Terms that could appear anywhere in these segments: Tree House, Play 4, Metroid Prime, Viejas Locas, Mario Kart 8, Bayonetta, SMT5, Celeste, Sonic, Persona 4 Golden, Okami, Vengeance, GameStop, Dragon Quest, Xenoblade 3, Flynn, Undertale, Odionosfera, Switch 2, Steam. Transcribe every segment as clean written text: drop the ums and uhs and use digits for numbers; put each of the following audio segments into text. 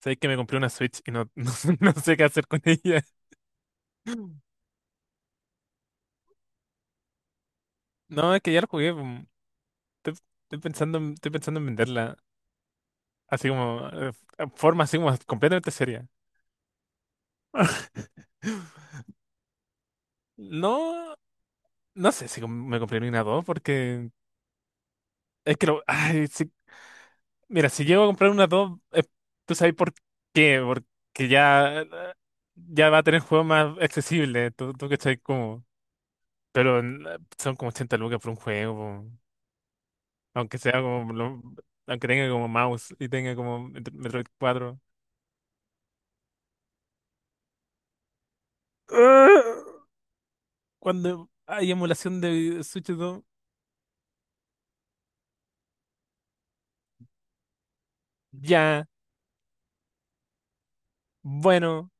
Sabéis que me compré una Switch y no sé qué hacer con ella. No, es que ya la jugué. Pum. Estoy, estoy estoy pensando en venderla. Así como, forma así como completamente seria. No, no sé si me compré una 2 porque es que lo, ay, si- mira, si llego a comprar una 2 tú sabes por qué, porque ya, ya va a tener juegos más accesibles, tú cachai como, pero son como 80 lucas por un juego. Aunque sea como, aunque tenga como mouse y tenga como Metroid 4. Cuando hay emulación de Switch 2, ya, bueno,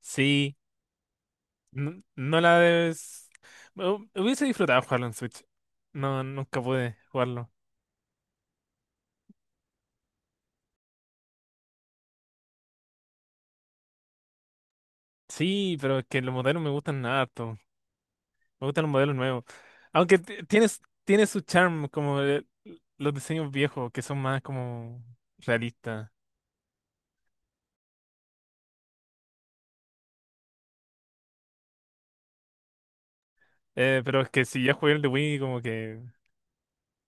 sí, no, no la debes. Hubiese disfrutado jugarlo en Switch. No, nunca pude jugarlo. Sí, pero es que los modelos me gustan harto. Me gustan los modelos nuevos. Aunque tienes, tiene su charm, como los diseños viejos, que son más como realistas. Pero es que si ya jugué el de Wii, como que.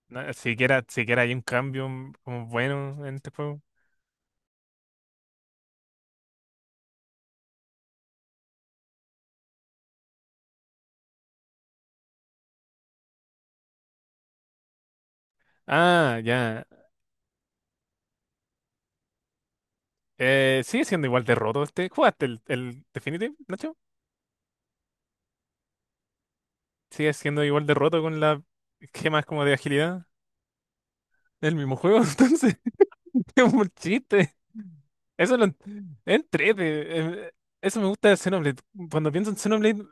No, siquiera, siquiera hay un cambio como bueno en este juego. Ah, ya. Sigue siendo igual de roto este. ¿Jugaste el Definitive, Nacho? Sigue siendo igual de roto con las gemas como de agilidad. El mismo juego, entonces. Es un chiste. Eso lo en- es entrete. Eso me gusta de Xenoblade. Cuando pienso en Xenoblade,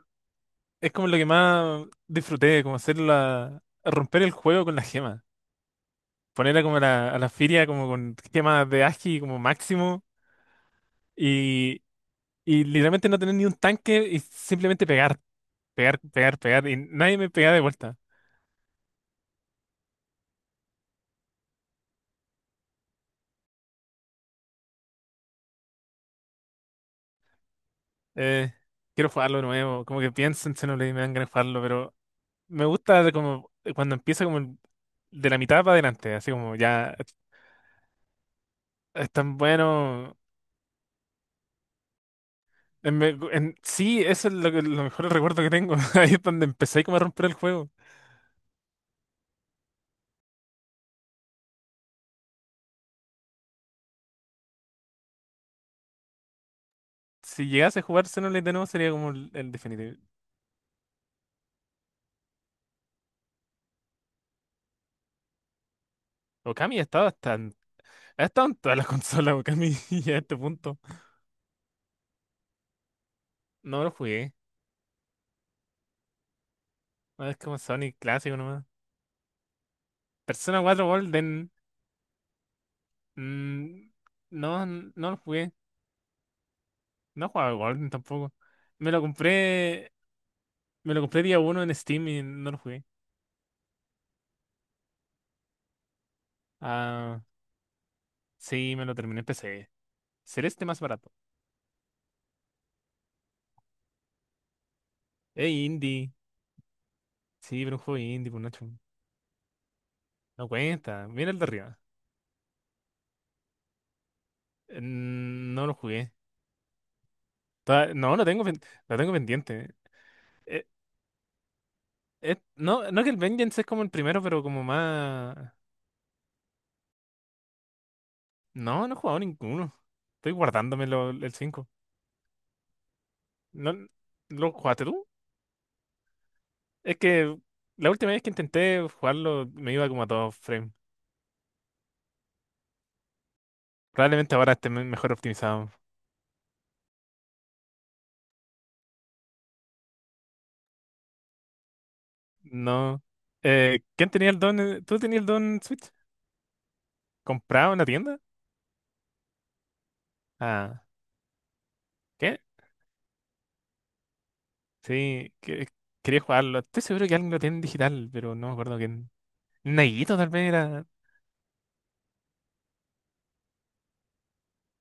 es como lo que más disfruté, como hacer la, romper el juego con las gemas. Ponerla como a la feria como con gemas de agi como máximo. Y literalmente no tener ni un tanque y simplemente pegar, pegar, pegar, pegar. Y nadie me pega de vuelta. Eh, Quiero jugarlo de nuevo. Como que pienso en Xenoblade y me dan ganas de jugarlo, pero me gusta de como cuando empieza como de la mitad para adelante. Así como ya es tan bueno. En sí, eso es lo, que, lo mejor recuerdo que tengo. Ahí es donde empecé como a romper el juego. Si llegase a jugar Xenoblade de nuevo sería como el definitivo. Okami ha estado hasta ha estado en todas las consolas, Okami, ya a este punto. No lo jugué. No, es como Sonic clásico nomás. Persona 4 Golden. mm, no, no lo jugué. No jugaba al Golden tampoco. Me lo compré. Me lo compré día uno en Steam y no lo jugué. Ah, sí, me lo terminé en PC. Celeste más barato. Indie. Sí, pero un juego indie, pues Nacho. No cuenta. Mira el de arriba. No lo jugué. No, lo lo tengo pendiente. Eh, no, no que el Vengeance es como el primero, pero como más. No, no he jugado ninguno. Estoy guardándome el cinco. ¿No lo jugaste tú? Es que la última vez que intenté jugarlo me iba como a dos frames. Probablemente ahora esté mejor optimizado. No. ¿Quién tenía el don? ¿Tú tenías el don Switch? ¿Comprado en la tienda? Ah, ¿qué? Sí, quería jugarlo. Estoy seguro que alguien lo tiene en digital, pero no me acuerdo quién. Nayito tal vez era.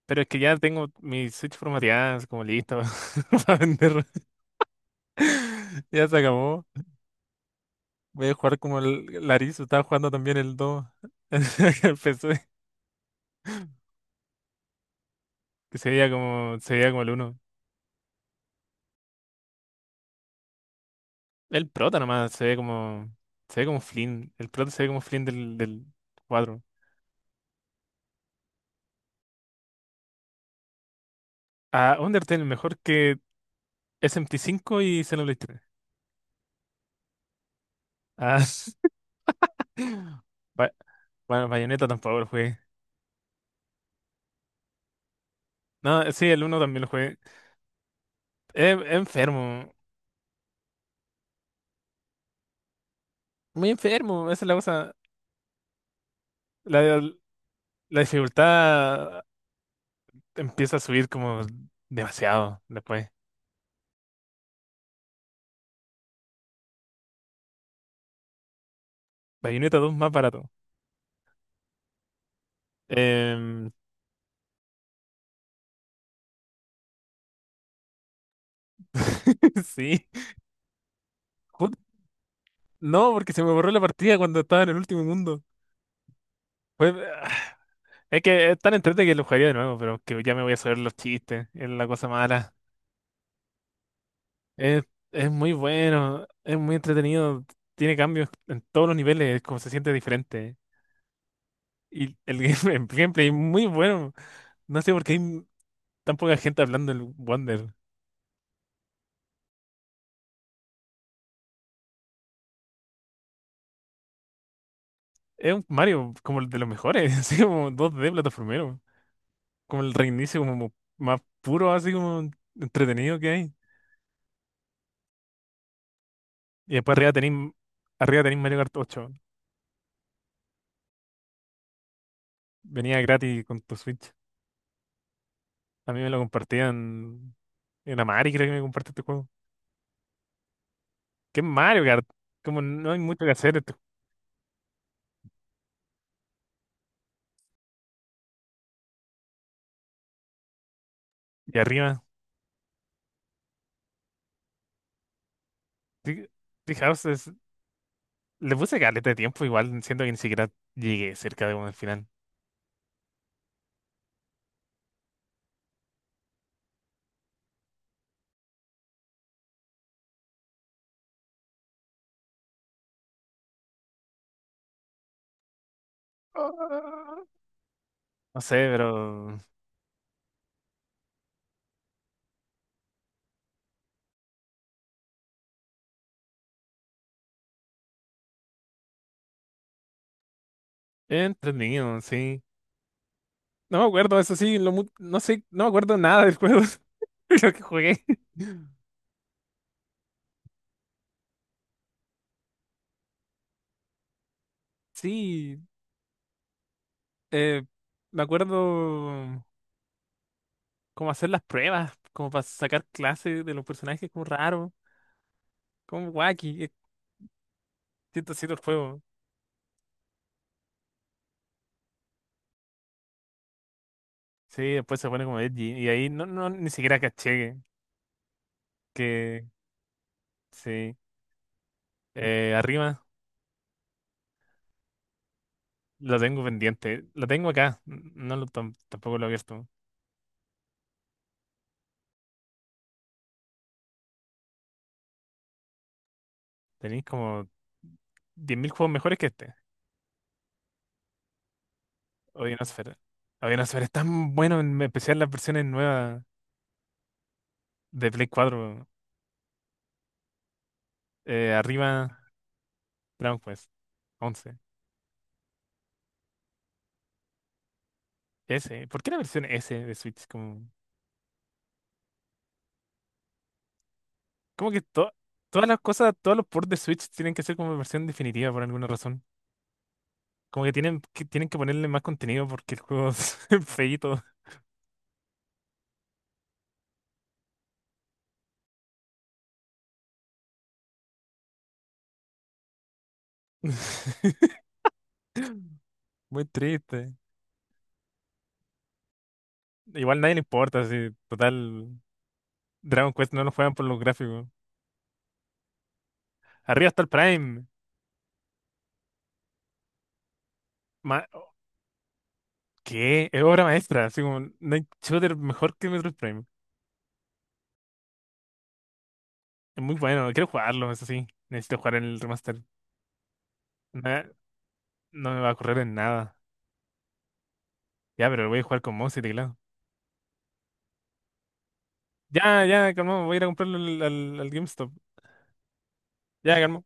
Pero es que ya tengo mi Switch formateada, así como listo para vender. Ya se acabó. Voy a jugar como el Larizo, estaba jugando también el 2 en el PC, que se veía como el uno. El prota nomás, se ve como Flynn, el prota se ve como Flynn del, del 4. Ah, Undertale mejor que SMT5 y Xenoblade 3. Ah, Ba- bueno, Bayonetta tampoco lo jugué. No, sí, el uno también lo jugué. Es enfermo, muy enfermo, esa es la cosa. La, la dificultad empieza a subir como demasiado después. Bayonetta 2 más barato. Em, sí. Jut- No, porque se me borró la partida cuando estaba en el último mundo. Pues, ah, es que es tan entretenido que lo jugaría de nuevo, pero que ya me voy a saber los chistes. Es la cosa mala. Es, es muy bueno, es muy entretenido. Tiene cambios en todos los niveles, como se siente diferente. Y el el gameplay es muy bueno. No sé por qué hay tan poca gente hablando del Wonder. Es un Mario como el de los mejores, así como dos d plataformero. Como el reinicio como más puro, así como entretenido que hay. Y después arriba tenéis, arriba tenéis Mario Kart 8. Venía gratis con tu Switch. A mí me lo compartían en Amari, creo que me compartió este juego. ¿Qué es Mario Kart? Como no hay mucho que hacer. Esto. Y arriba, Tri- Tree House le puse caleta de tiempo, igual siento que ni siquiera llegué cerca de como el final. Ah, no sé, pero entretenido, sí. No me acuerdo, eso sí, lo no sé, no me acuerdo nada del juego, de lo que jugué. Sí, Eh, me acuerdo cómo hacer las pruebas, como para sacar clases de los personajes, como raro, como wacky, es chistosito el juego. Sí, después se pone como edgy, y ahí no, no, ni siquiera caché que, sí, arriba lo tengo pendiente, lo tengo acá, no lo, tampoco lo he abierto. Tenéis como 10.000 juegos mejores que este, Odionosfera. Odionosfera es tan bueno, en especial las versiones nuevas de Play 4, arriba Dragon Quest 11. S. ¿Por qué la versión S de Switch? Como, como que todas las cosas, todos los ports de Switch tienen que ser como versión definitiva por alguna razón. Como que tienen que, tienen que ponerle más contenido porque el juego es feíto. Muy triste. Igual nadie le importa, si total. Dragon Quest no lo juegan por los gráficos. Arriba está el Prime. Ma- ¿Qué? Es obra maestra. Así como, no hay shooter mejor que Metroid Prime. Es muy bueno, quiero jugarlo, eso sí. Necesito jugar el remaster. Na- No, me va a correr en nada. Ya, pero lo voy a jugar con mouse y teclado. Ya, ya, calmado, voy a ir a comprarlo al, al, al GameStop. Ya, calmado.